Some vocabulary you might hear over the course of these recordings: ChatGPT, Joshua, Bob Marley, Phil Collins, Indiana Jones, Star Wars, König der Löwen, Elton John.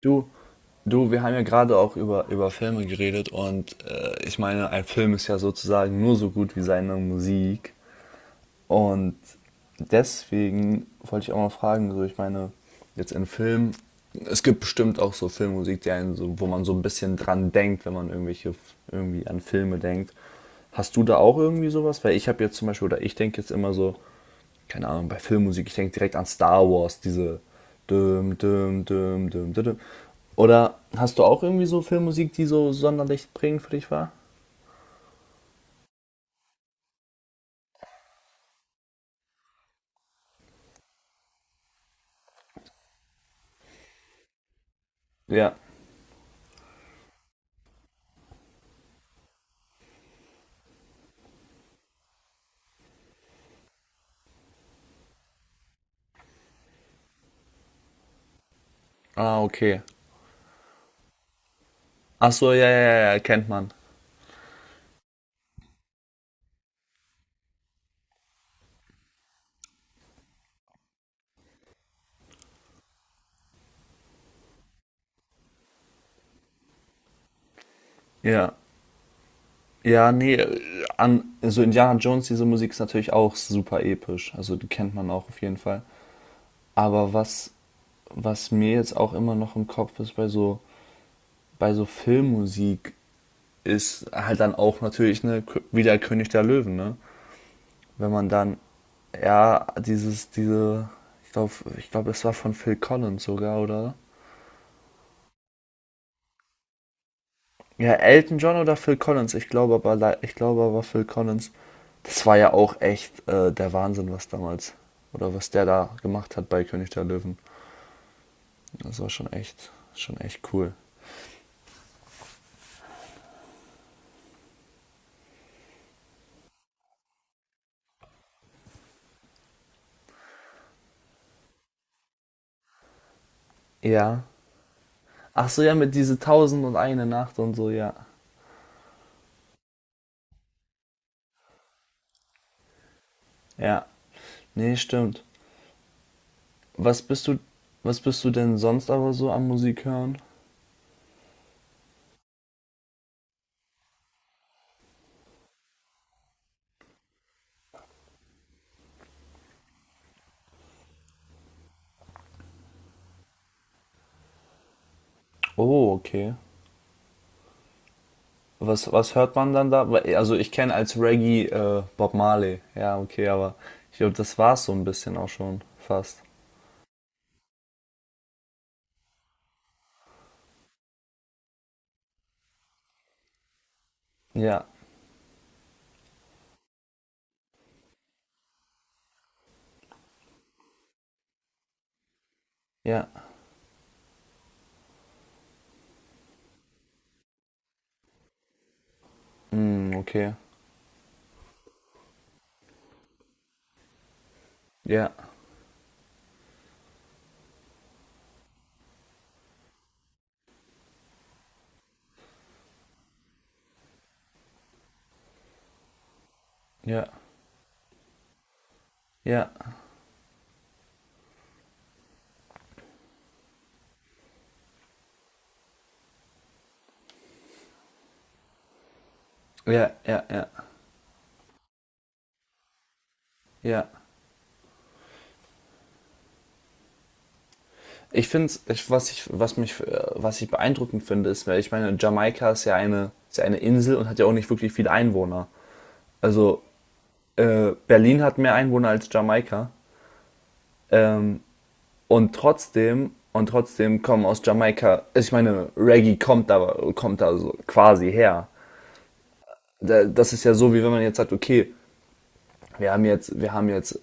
Du, du, wir haben ja gerade auch über Filme geredet und ich meine, ein Film ist ja sozusagen nur so gut wie seine Musik. Und deswegen wollte ich auch mal fragen, so ich meine, jetzt in Filmen, es gibt bestimmt auch so Filmmusik, die einen so, wo man so ein bisschen dran denkt, wenn man irgendwelche irgendwie an Filme denkt. Hast du da auch irgendwie sowas? Weil ich habe jetzt zum Beispiel, oder ich denke jetzt immer so, keine Ahnung, bei Filmmusik, ich denke direkt an Star Wars, diese düm, düm, düm, düm, düm, düm. Oder hast du auch irgendwie so Filmmusik, die so sonderlich prägend für dich war? Ja. Ah, okay. Ach so, ja, ja, ja, ja, kennt man. Ja. Ja, nee, an, so Indiana Jones, diese Musik ist natürlich auch super episch. Also die kennt man auch auf jeden Fall. Aber was, was mir jetzt auch immer noch im Kopf ist bei so Filmmusik, ist halt dann auch natürlich ne, wieder König der Löwen, ne? Wenn man dann, ja, dieses, diese, ich glaube, ich glaube es war von Phil Collins sogar, oder? Ja, Elton John oder Phil Collins, ich glaube aber, ich glaube aber Phil Collins, das war ja auch echt der Wahnsinn, was damals, oder was der da gemacht hat bei König der Löwen. Das war schon echt cool. Ja. Ach so, ja, mit diese Tausend und eine Nacht und so, ja. Ja. Nee, stimmt. Was bist du, was bist du denn sonst aber so am Musik hören? Oh, okay. Was, was hört man dann da? Also ich kenne als Reggae Bob Marley. Ja, okay, aber ich glaube, das war es so ein bisschen auch schon fast. Ja, ja, mm, okay. Ja, ja, ja, ja, ja, ja, ja. Ich finde, ich, was mich, was ich beeindruckend finde, ist, weil ich meine, Jamaika ist ja eine Insel und hat ja auch nicht wirklich viele Einwohner. Also Berlin hat mehr Einwohner als Jamaika. Ähm, und trotzdem kommen aus Jamaika, also ich meine, Reggae kommt da so quasi her. Das ist ja so, wie wenn man jetzt sagt, okay, wir haben jetzt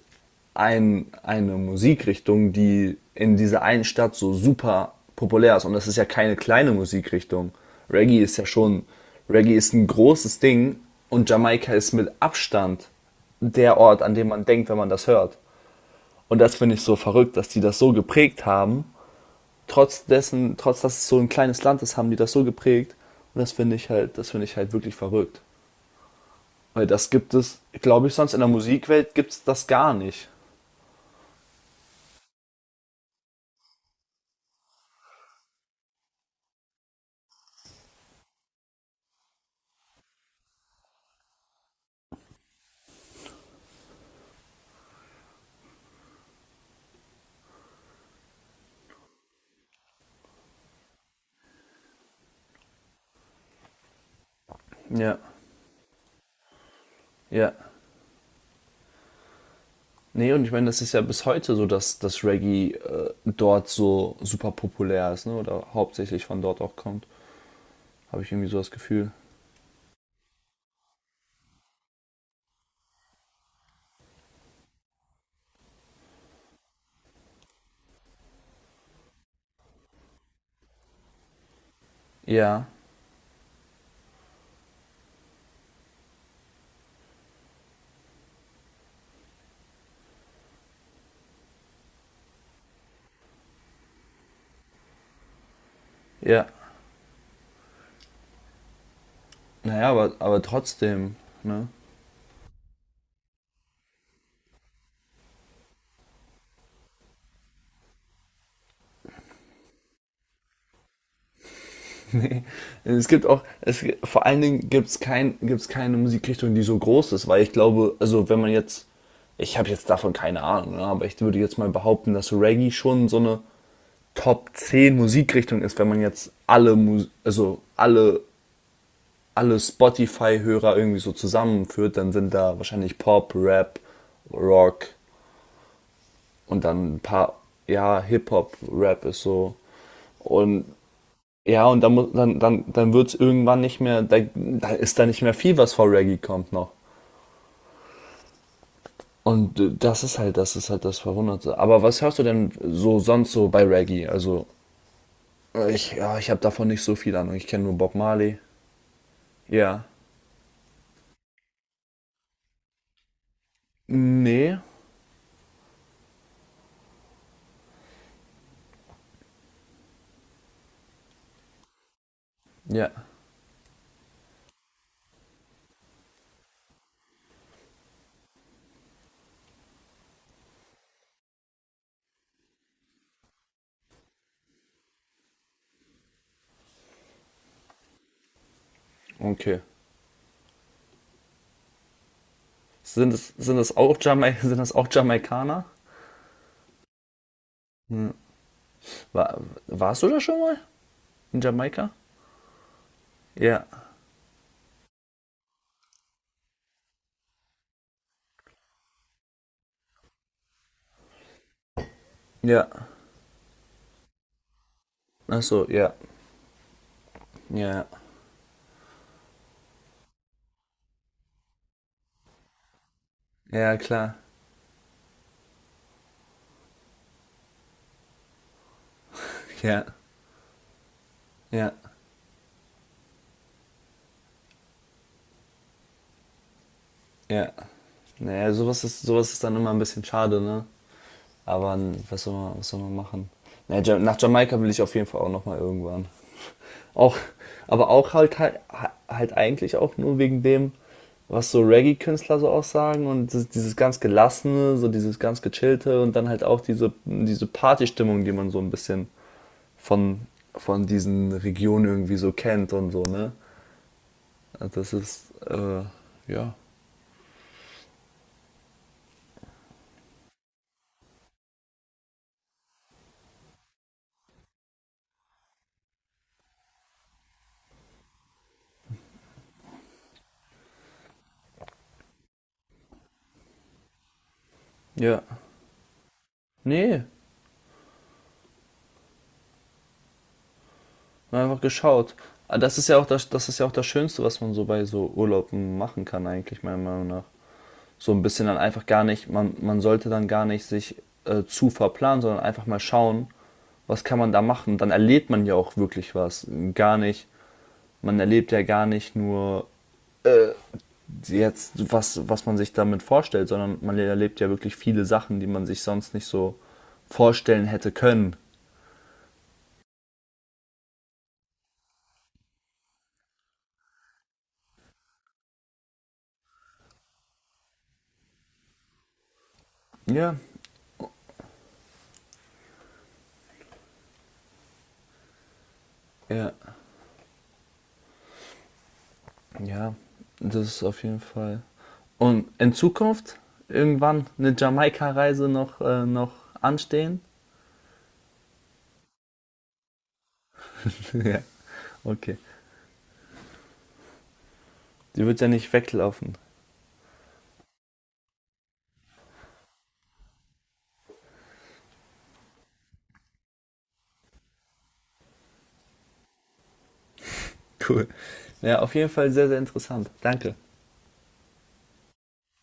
ein, eine Musikrichtung, die in dieser einen Stadt so super populär ist. Und das ist ja keine kleine Musikrichtung. Reggae ist ja schon, Reggae ist ein großes Ding und Jamaika ist mit Abstand der Ort, an dem man denkt, wenn man das hört. Und das finde ich so verrückt, dass die das so geprägt haben, trotz dessen, trotz dass es so ein kleines Land ist, haben die das so geprägt. Und das finde ich halt, das finde ich halt wirklich verrückt. Weil das gibt es, glaube ich, sonst in der Musikwelt gibt es das gar nicht. Ja. Ja. Nee, und ich meine, das ist ja bis heute so, dass das Reggae dort so super populär ist, ne? Oder hauptsächlich von dort auch kommt. Habe ich irgendwie so das Gefühl. Ja, ja. Naja, aber trotzdem, ne? Es gibt auch, es, vor allen Dingen gibt es kein, gibt's keine Musikrichtung, die so groß ist, weil ich glaube, also wenn man jetzt, ich habe jetzt davon keine Ahnung, ne, aber ich würde jetzt mal behaupten, dass Reggae schon so eine Top 10 Musikrichtung ist, wenn man jetzt alle, Mus also alle, alle Spotify-Hörer irgendwie so zusammenführt, dann sind da wahrscheinlich Pop, Rap, Rock und dann ein paar, ja, Hip-Hop, Rap ist so. Und ja, und dann, dann, dann, dann wird es irgendwann nicht mehr, da, da ist da nicht mehr viel, was vor Reggae kommt noch. Und das ist halt, das ist halt das Verwunderte. Aber was hörst du denn so sonst so bei Reggae? Also, ich, ja, ich habe davon nicht so viel Ahnung. Ich kenne nur Bob Marley. Ja. Nee. Ja. Okay. Sind es auch Jamaik sind das auch Jamaikaner? War, warst du da schon mal? In Jamaika? Ja. Ja. Ach so, ja. Ja. Ja, klar. Ja. Ja. Ja. Naja, sowas ist dann immer ein bisschen schade, ne? Aber was soll man machen? Naja, nach Jamaika will ich auf jeden Fall auch nochmal irgendwann. Auch, aber auch halt, halt, halt eigentlich auch nur wegen dem, was so Reggae-Künstler so aussagen und dieses, dieses ganz Gelassene, so dieses ganz Gechillte und dann halt auch diese, diese Partystimmung, die man so ein bisschen von, von diesen Regionen irgendwie so kennt und so, ne? Also das ist, ja. Ja. Nee, und einfach geschaut. Ah, das ist ja auch das, das ist ja auch das Schönste, was man so bei so Urlauben machen kann, eigentlich, meiner Meinung nach. So ein bisschen dann einfach gar nicht, man sollte dann gar nicht sich zu verplanen, sondern einfach mal schauen, was kann man da machen. Dann erlebt man ja auch wirklich was. Gar nicht, man erlebt ja gar nicht nur äh, jetzt, was, was man sich damit vorstellt, sondern man erlebt ja wirklich viele Sachen, die man sich sonst nicht so vorstellen hätte können. Ja, ja. Ja, das ist auf jeden Fall. Und in Zukunft irgendwann eine Jamaika-Reise noch, noch anstehen? Ja, okay. Die wird ja nicht weglaufen. Cool. Ja, auf jeden Fall sehr, sehr interessant. Danke.